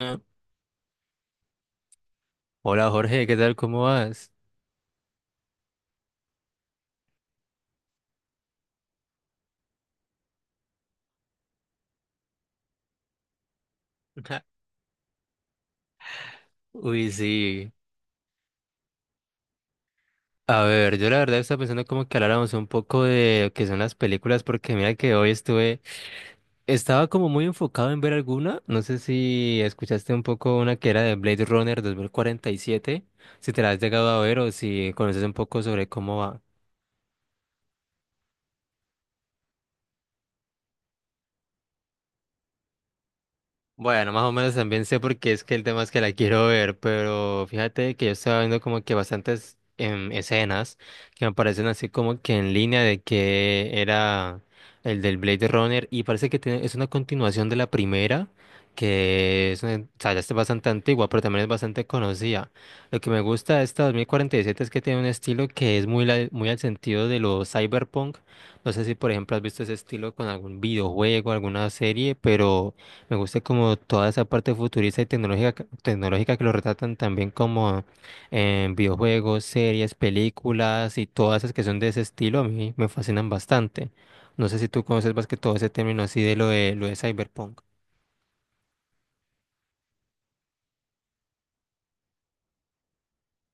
Ah, hola Jorge, ¿qué tal? ¿Cómo vas? Ajá. Uy, sí. A ver, yo la verdad estaba pensando como que habláramos un poco de lo que son las películas, porque mira que hoy estuve, estaba como muy enfocado en ver alguna, no sé si escuchaste un poco una que era de Blade Runner 2047. Si te la has llegado a ver o si conoces un poco sobre cómo va. Bueno, más o menos también sé porque es que el tema es que la quiero ver, pero fíjate que yo estaba viendo como que bastantes escenas que me parecen así como que en línea de que era el del Blade Runner y parece que es una continuación de la primera, que es, o sea, ya es bastante antigua, pero también es bastante conocida. Lo que me gusta de esta 2047 es que tiene un estilo que es muy, muy al sentido de lo cyberpunk. No sé si, por ejemplo, has visto ese estilo con algún videojuego, alguna serie, pero... Me gusta como toda esa parte futurista y tecnológica, tecnológica que lo retratan también como en videojuegos, series, películas y todas esas que son de ese estilo, a mí me fascinan bastante. No sé si tú conoces más que todo ese término así de lo de cyberpunk.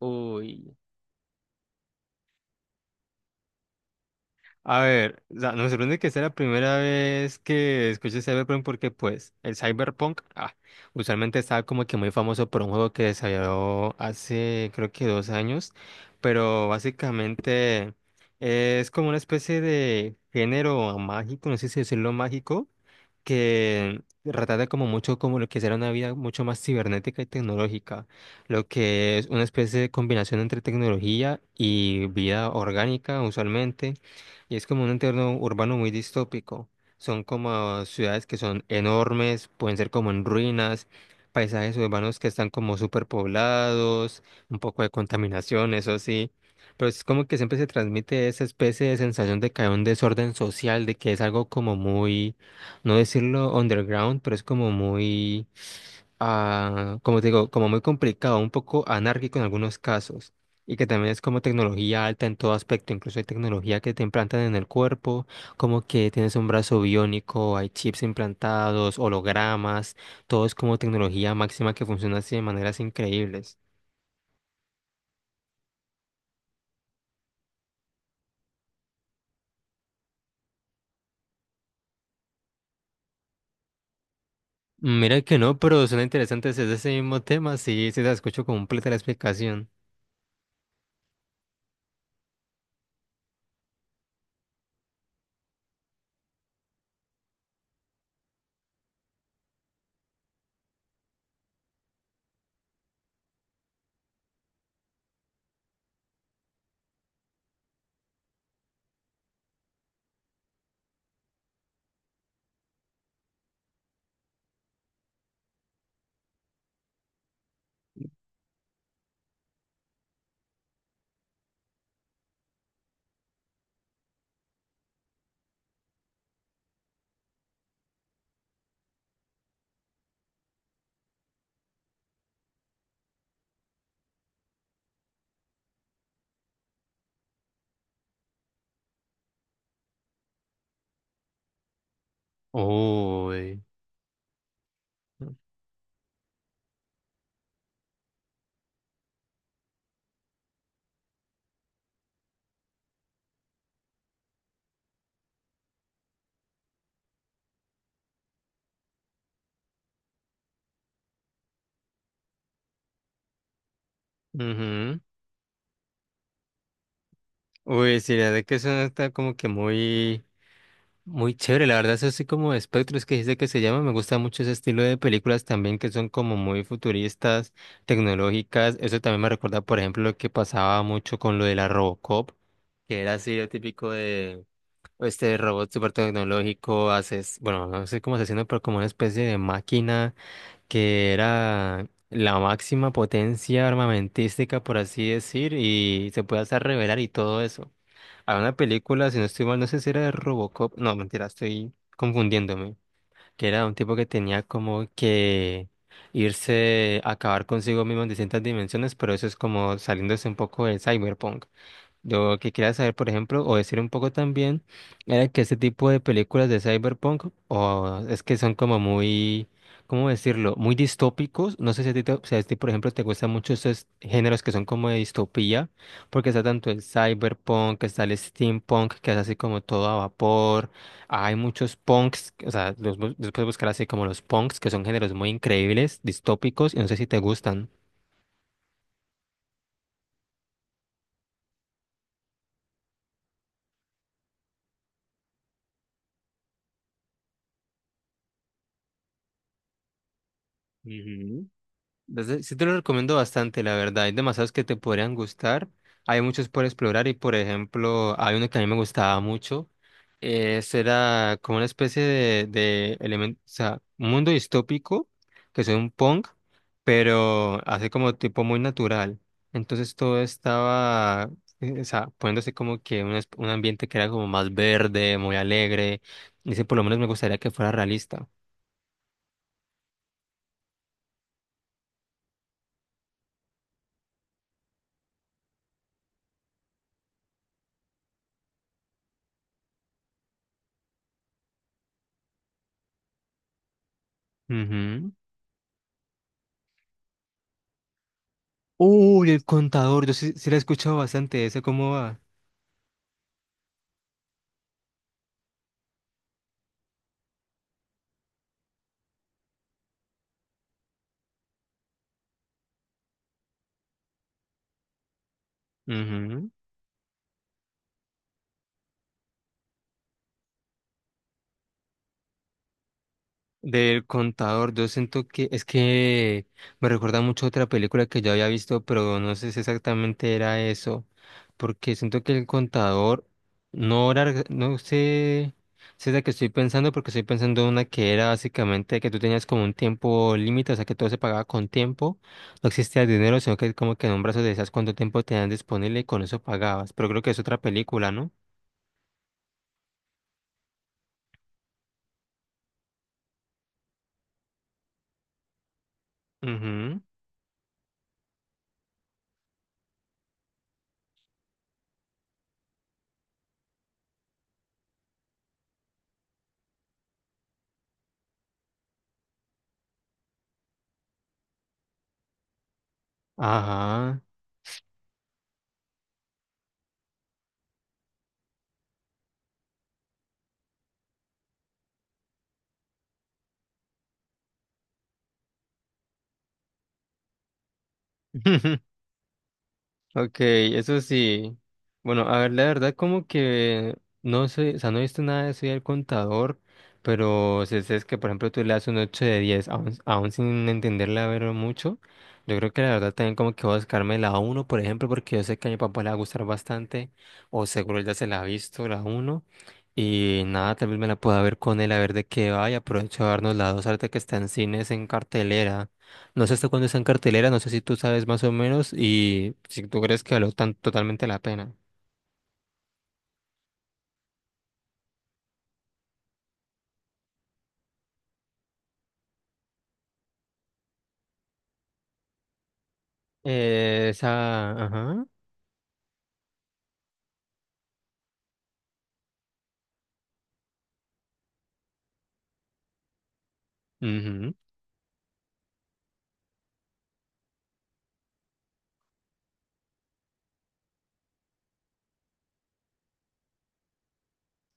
Uy. A ver, o sea, me sorprende que sea la primera vez que escuché Cyberpunk porque pues el Cyberpunk usualmente estaba como que muy famoso por un juego que desarrolló hace creo que dos años, pero básicamente es como una especie de género mágico, no sé si decirlo mágico, que retrata como mucho como lo que será una vida mucho más cibernética y tecnológica, lo que es una especie de combinación entre tecnología y vida orgánica usualmente y es como un entorno urbano muy distópico. Son como ciudades que son enormes, pueden ser como en ruinas, paisajes urbanos que están como superpoblados, un poco de contaminación, eso sí. Pero es como que siempre se transmite esa especie de sensación de que hay un desorden social, de que es algo como muy, no decirlo underground, pero es como muy como te digo, como muy complicado, un poco anárquico en algunos casos, y que también es como tecnología alta en todo aspecto, incluso hay tecnología que te implantan en el cuerpo, como que tienes un brazo biónico, hay chips implantados, hologramas, todo es como tecnología máxima que funciona así de maneras increíbles. Mira que no, pero suena interesante ese mismo tema, sí, sí la escucho completa la explicación. Uy. Ujú. Uy, sí, la verdad que eso está como que muy, muy chévere, la verdad es así como espectros que dice que se llama, me gusta mucho ese estilo de películas también que son como muy futuristas, tecnológicas, eso también me recuerda por ejemplo lo que pasaba mucho con lo de la Robocop, que era así lo típico de este robot súper tecnológico, haces, bueno, no sé cómo asesino, pero como una especie de máquina que era la máxima potencia armamentística por así decir y se puede hacer revelar y todo eso a una película, si no estoy mal, no sé si era de Robocop. No, mentira, estoy confundiéndome. Que era un tipo que tenía como que irse a acabar consigo mismo en distintas dimensiones, pero eso es como saliéndose un poco del cyberpunk. Lo que quería saber, por ejemplo, o decir un poco también, era que ese tipo de películas de cyberpunk, o es que son como muy, ¿cómo decirlo? Muy distópicos. No sé si a ti, si a ti, por ejemplo, te gustan mucho esos géneros que son como de distopía, porque está tanto el cyberpunk, está el steampunk, que es así como todo a vapor. Hay muchos punks, o sea, los puedes buscar así como los punks, que son géneros muy increíbles, distópicos, y no sé si te gustan. Sí te lo recomiendo bastante, la verdad. Hay demasiados que te podrían gustar. Hay muchos por explorar y, por ejemplo, hay uno que a mí me gustaba mucho. Ese era como una especie de elemento, o sea, un mundo distópico, que es un punk, pero así como tipo muy natural. Entonces todo estaba, o sea, poniéndose como que un, un ambiente que era como más verde, muy alegre. Y ese por lo menos me gustaría que fuera realista. Ujú. Uy, el contador, yo sí, sí la he escuchado bastante, ¿esa cómo va? Ujú. Del contador, yo siento que es que me recuerda mucho a otra película que yo había visto, pero no sé si exactamente era eso, porque siento que el contador no era, no sé si es la que estoy pensando, porque estoy pensando en una que era básicamente que tú tenías como un tiempo límite, o sea que todo se pagaba con tiempo, no existía dinero, sino que como que en un brazo decías cuánto tiempo tenían disponible y con eso pagabas, pero creo que es otra película, ¿no? Ujú. Ajá. Ok, eso sí. Bueno, a ver, la verdad como que no sé, o sea, no he visto nada de eso del contador, pero si es que, por ejemplo, tú le das un 8 de 10 aún, aún sin entenderla ver mucho, yo creo que la verdad también como que voy a buscarme la uno por ejemplo, porque yo sé que a mi papá le va a gustar bastante, o seguro él ya se la ha visto, la uno y nada, tal vez me la pueda ver con él, a ver de qué va, y aprovecho a darnos la 2 ahorita que está en cines en cartelera. No sé hasta cuándo está en cartelera, no sé si tú sabes más o menos y si tú crees que valió tan totalmente la pena. Esa, ajá. Ujú.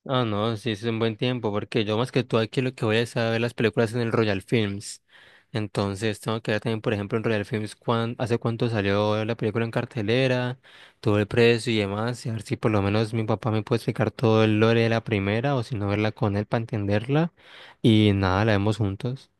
Ah, no, sí, es un buen tiempo, porque yo más que tú aquí lo que voy es a ver las películas en el Royal Films. Entonces tengo que ver también, por ejemplo, en Royal Films hace cuánto salió la película en cartelera, todo el precio y demás, y a ver si por lo menos mi papá me puede explicar todo el lore de la primera, o si no verla con él para entenderla, y nada, la vemos juntos.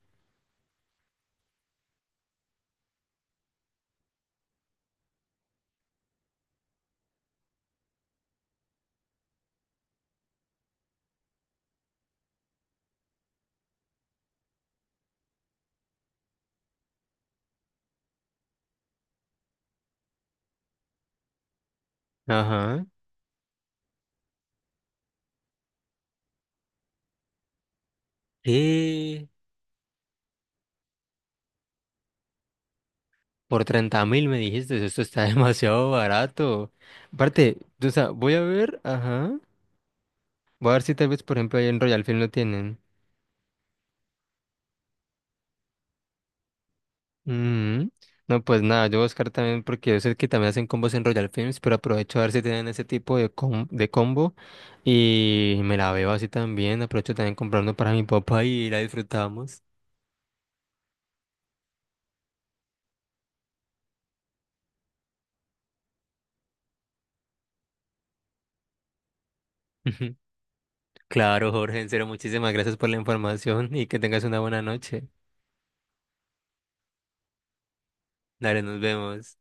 Ajá. Sí, por 30.000 me dijiste, esto está demasiado barato. Aparte, o sea, voy a ver, ajá. Voy a ver si tal vez, por ejemplo, ahí en Royal Film lo tienen. Mm. No, pues nada, yo voy a buscar también porque yo sé que también hacen combos en Royal Films, pero aprovecho a ver si tienen ese tipo de, de combo y me la veo así también. Aprovecho también comprando para mi papá y la disfrutamos. Claro, Jorge, en serio, muchísimas gracias por la información y que tengas una buena noche. Dale, nos vemos.